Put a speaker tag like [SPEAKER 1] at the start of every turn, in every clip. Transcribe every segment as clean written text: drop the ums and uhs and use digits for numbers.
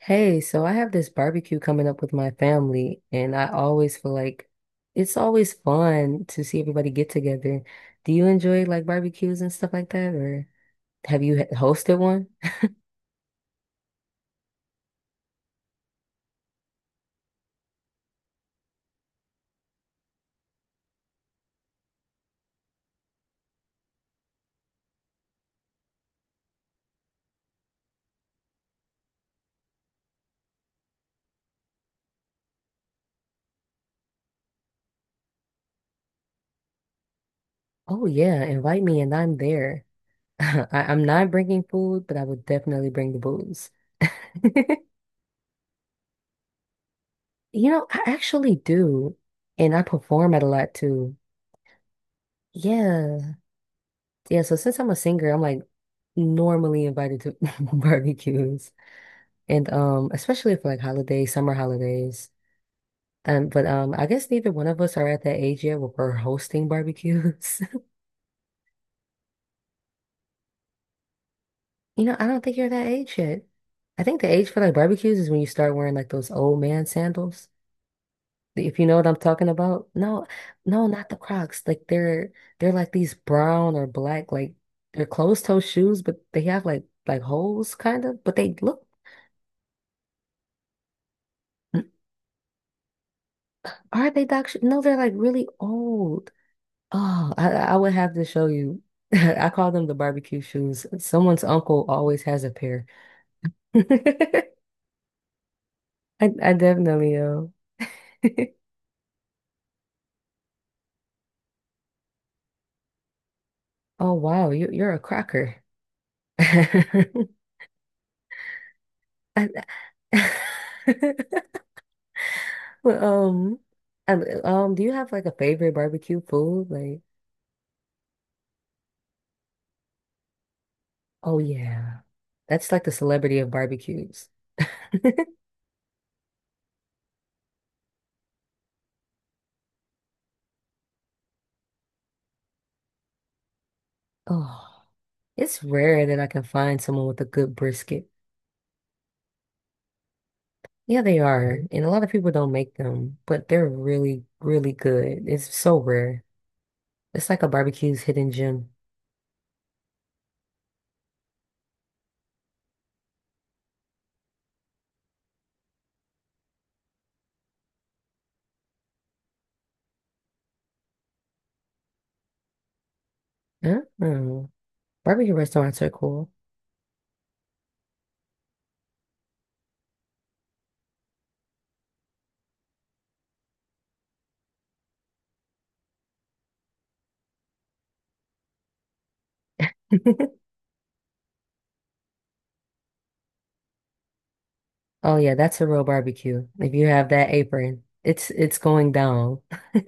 [SPEAKER 1] Hey, so I have this barbecue coming up with my family, and I always feel like it's always fun to see everybody get together. Do you enjoy like barbecues and stuff like that, or have you hosted one? Oh yeah, invite me and I'm there. I'm not bringing food, but I would definitely bring the booze. I actually do, and I perform at a lot too. Yeah. Yeah, so since I'm a singer, I'm like normally invited to barbecues. And especially for like holidays, summer holidays. But I guess neither one of us are at that age yet where we're hosting barbecues. I don't think you're that age yet. I think the age for like barbecues is when you start wearing like those old man sandals. If you know what I'm talking about. No, no, not the Crocs. Like they're like these brown or black, like they're closed toe shoes, but they have like holes kind of, but they look Are they doc? No, they're like really old. Oh, I would have to show you. I call them the barbecue shoes. Someone's uncle always has a pair. I, I definitely know. Oh wow, you're a cracker. I- I- Well, I- do you have like a favorite barbecue food? Like, oh yeah, that's like the celebrity of barbecues. Oh, it's rare that I can find someone with a good brisket. Yeah, they are. And a lot of people don't make them, but they're really, really good. It's so rare. It's like a barbecue's hidden gem. I don't know. Barbecue restaurants are cool. Oh yeah, that's a real barbecue. If you have that apron, it's going down.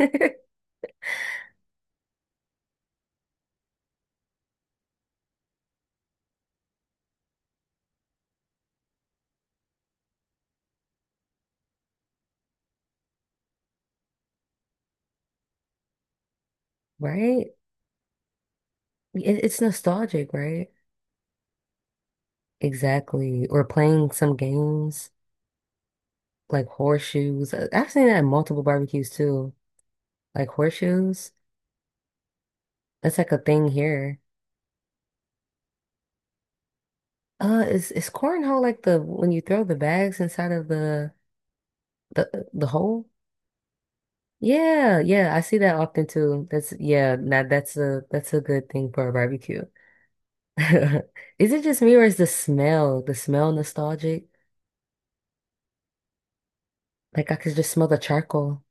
[SPEAKER 1] Right? It's nostalgic, right? Exactly. Or playing some games like horseshoes. I've seen that at multiple barbecues too. Like horseshoes. That's like a thing here. Is cornhole like the when you throw the bags inside of the hole? Yeah, yeah, I see that often too. That's, yeah, now that's a good thing for a barbecue. Is it just me or is the smell nostalgic? Like I could just smell the charcoal.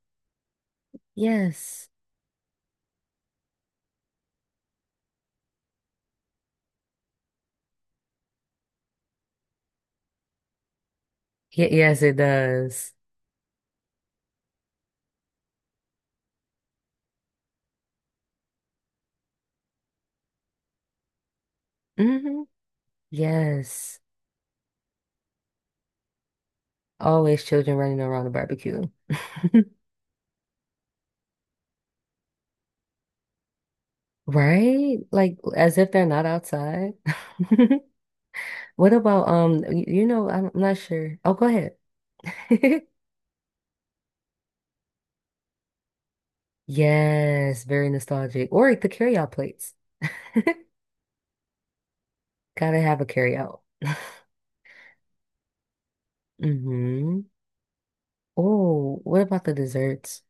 [SPEAKER 1] Yes. Yeah, yes, it does. Hmm. Yes. Always children running around the barbecue. Right? Like as if they're not outside. What about I'm not sure. Oh, go ahead. Yes, very nostalgic. Or the carryout plates. Gotta have a carryout. Mm-hmm. Oh, what about the desserts?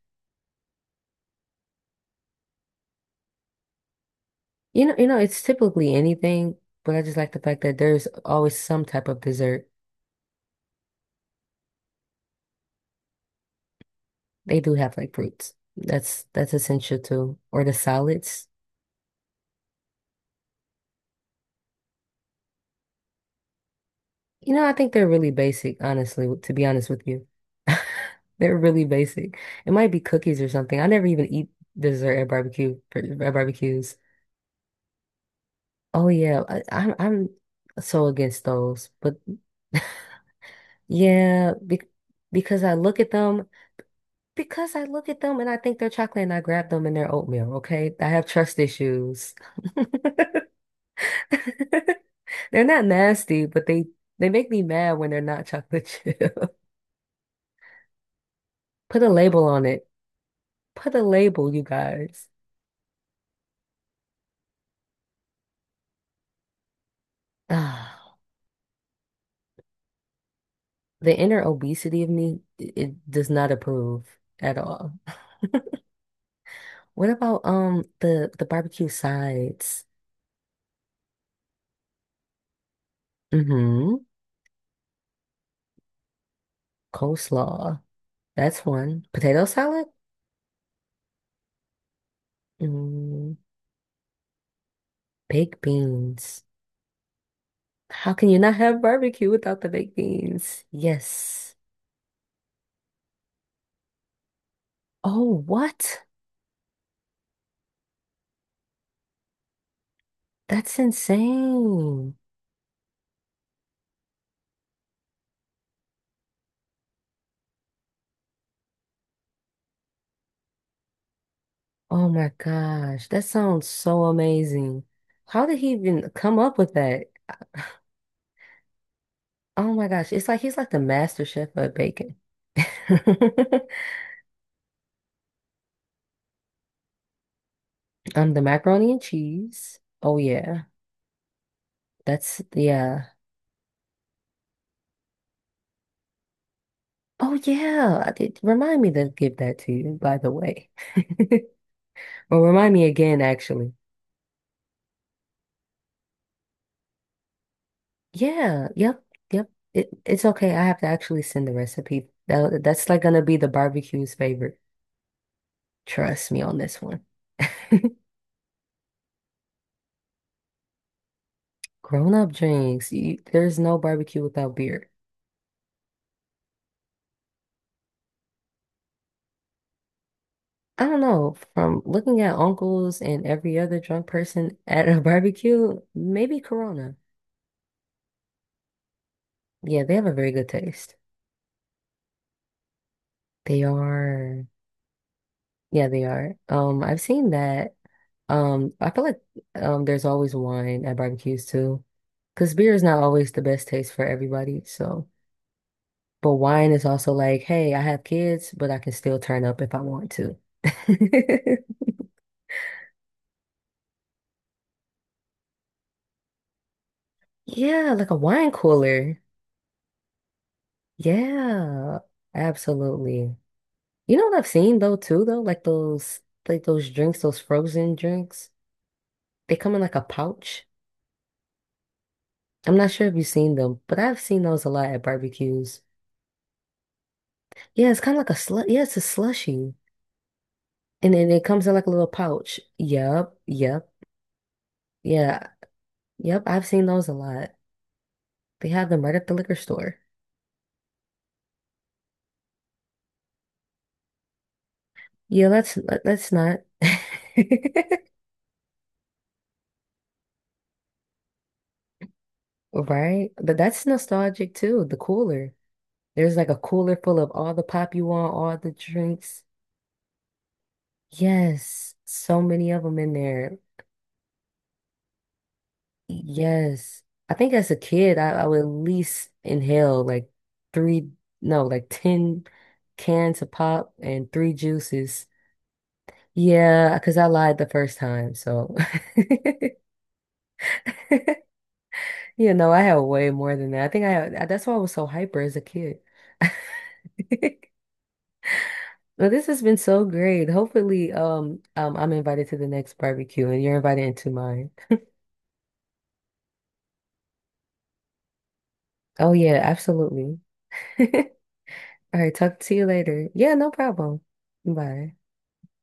[SPEAKER 1] It's typically anything, but I just like the fact that there's always some type of dessert. They do have like fruits. That's essential too. Or the salads. I think they're really basic, honestly, to be honest with you. They're really basic. It might be cookies or something. I never even eat dessert at barbecues. Oh yeah, I'm so against those. But yeah, because I look at them, because I look at them and I think they're chocolate and I grab them and they're oatmeal, okay? I have trust issues. They're not nasty, but they make me mad when they're not chocolate chip. Put a label on it. Put a label, you guys. Ah, the inner obesity of me, it does not approve at all. What about the barbecue sides? Mm-hmm. Coleslaw. That's one. Potato salad? Mm, Baked beans. How can you not have barbecue without the baked beans? Yes. Oh, what? That's insane. Oh my gosh, that sounds so amazing. How did he even come up with that? Oh my gosh, it's like he's like the master chef of bacon. The macaroni and cheese. Oh yeah, that's yeah. Oh yeah, I did, remind me to give that to you, by the way. Or remind me again, actually. Yeah, yep, yep. It's okay. I have to actually send the recipe. That's like gonna be the barbecue's favorite. Trust me on this one. Grown up drinks. There's no barbecue without beer. I don't know, from looking at uncles and every other drunk person at a barbecue, maybe Corona. Yeah, they have a very good taste. They are, yeah, they are. I've seen that. I feel like there's always wine at barbecues too. Because beer is not always the best taste for everybody, so but wine is also like, hey, I have kids, but I can still turn up if I want to. Yeah, like a wine cooler. Yeah, absolutely. You know what I've seen though too though? Like those drinks, those frozen drinks. They come in like a pouch. I'm not sure if you've seen them, but I've seen those a lot at barbecues. Yeah, it's kind of like a slu yeah, it's a slushy. And then it comes in like a little pouch. Yep, yep, yeah, yep. I've seen those a lot. They have them right at the liquor store. Yeah, that's not right. But that's nostalgic too, the cooler. There's like a cooler full of all the pop you want, all the drinks. Yes, so many of them in there. Yes. I think as a kid, I would at least inhale like three, no, like 10 cans of pop and three juices. Yeah, because I lied the first time. So, I had way more than that. I think I had, that's why I was so hyper as a kid. Well, this has been so great. Hopefully, I'm invited to the next barbecue and you're invited into mine. Oh, yeah, absolutely. All right, talk to you later. Yeah, no problem. Bye.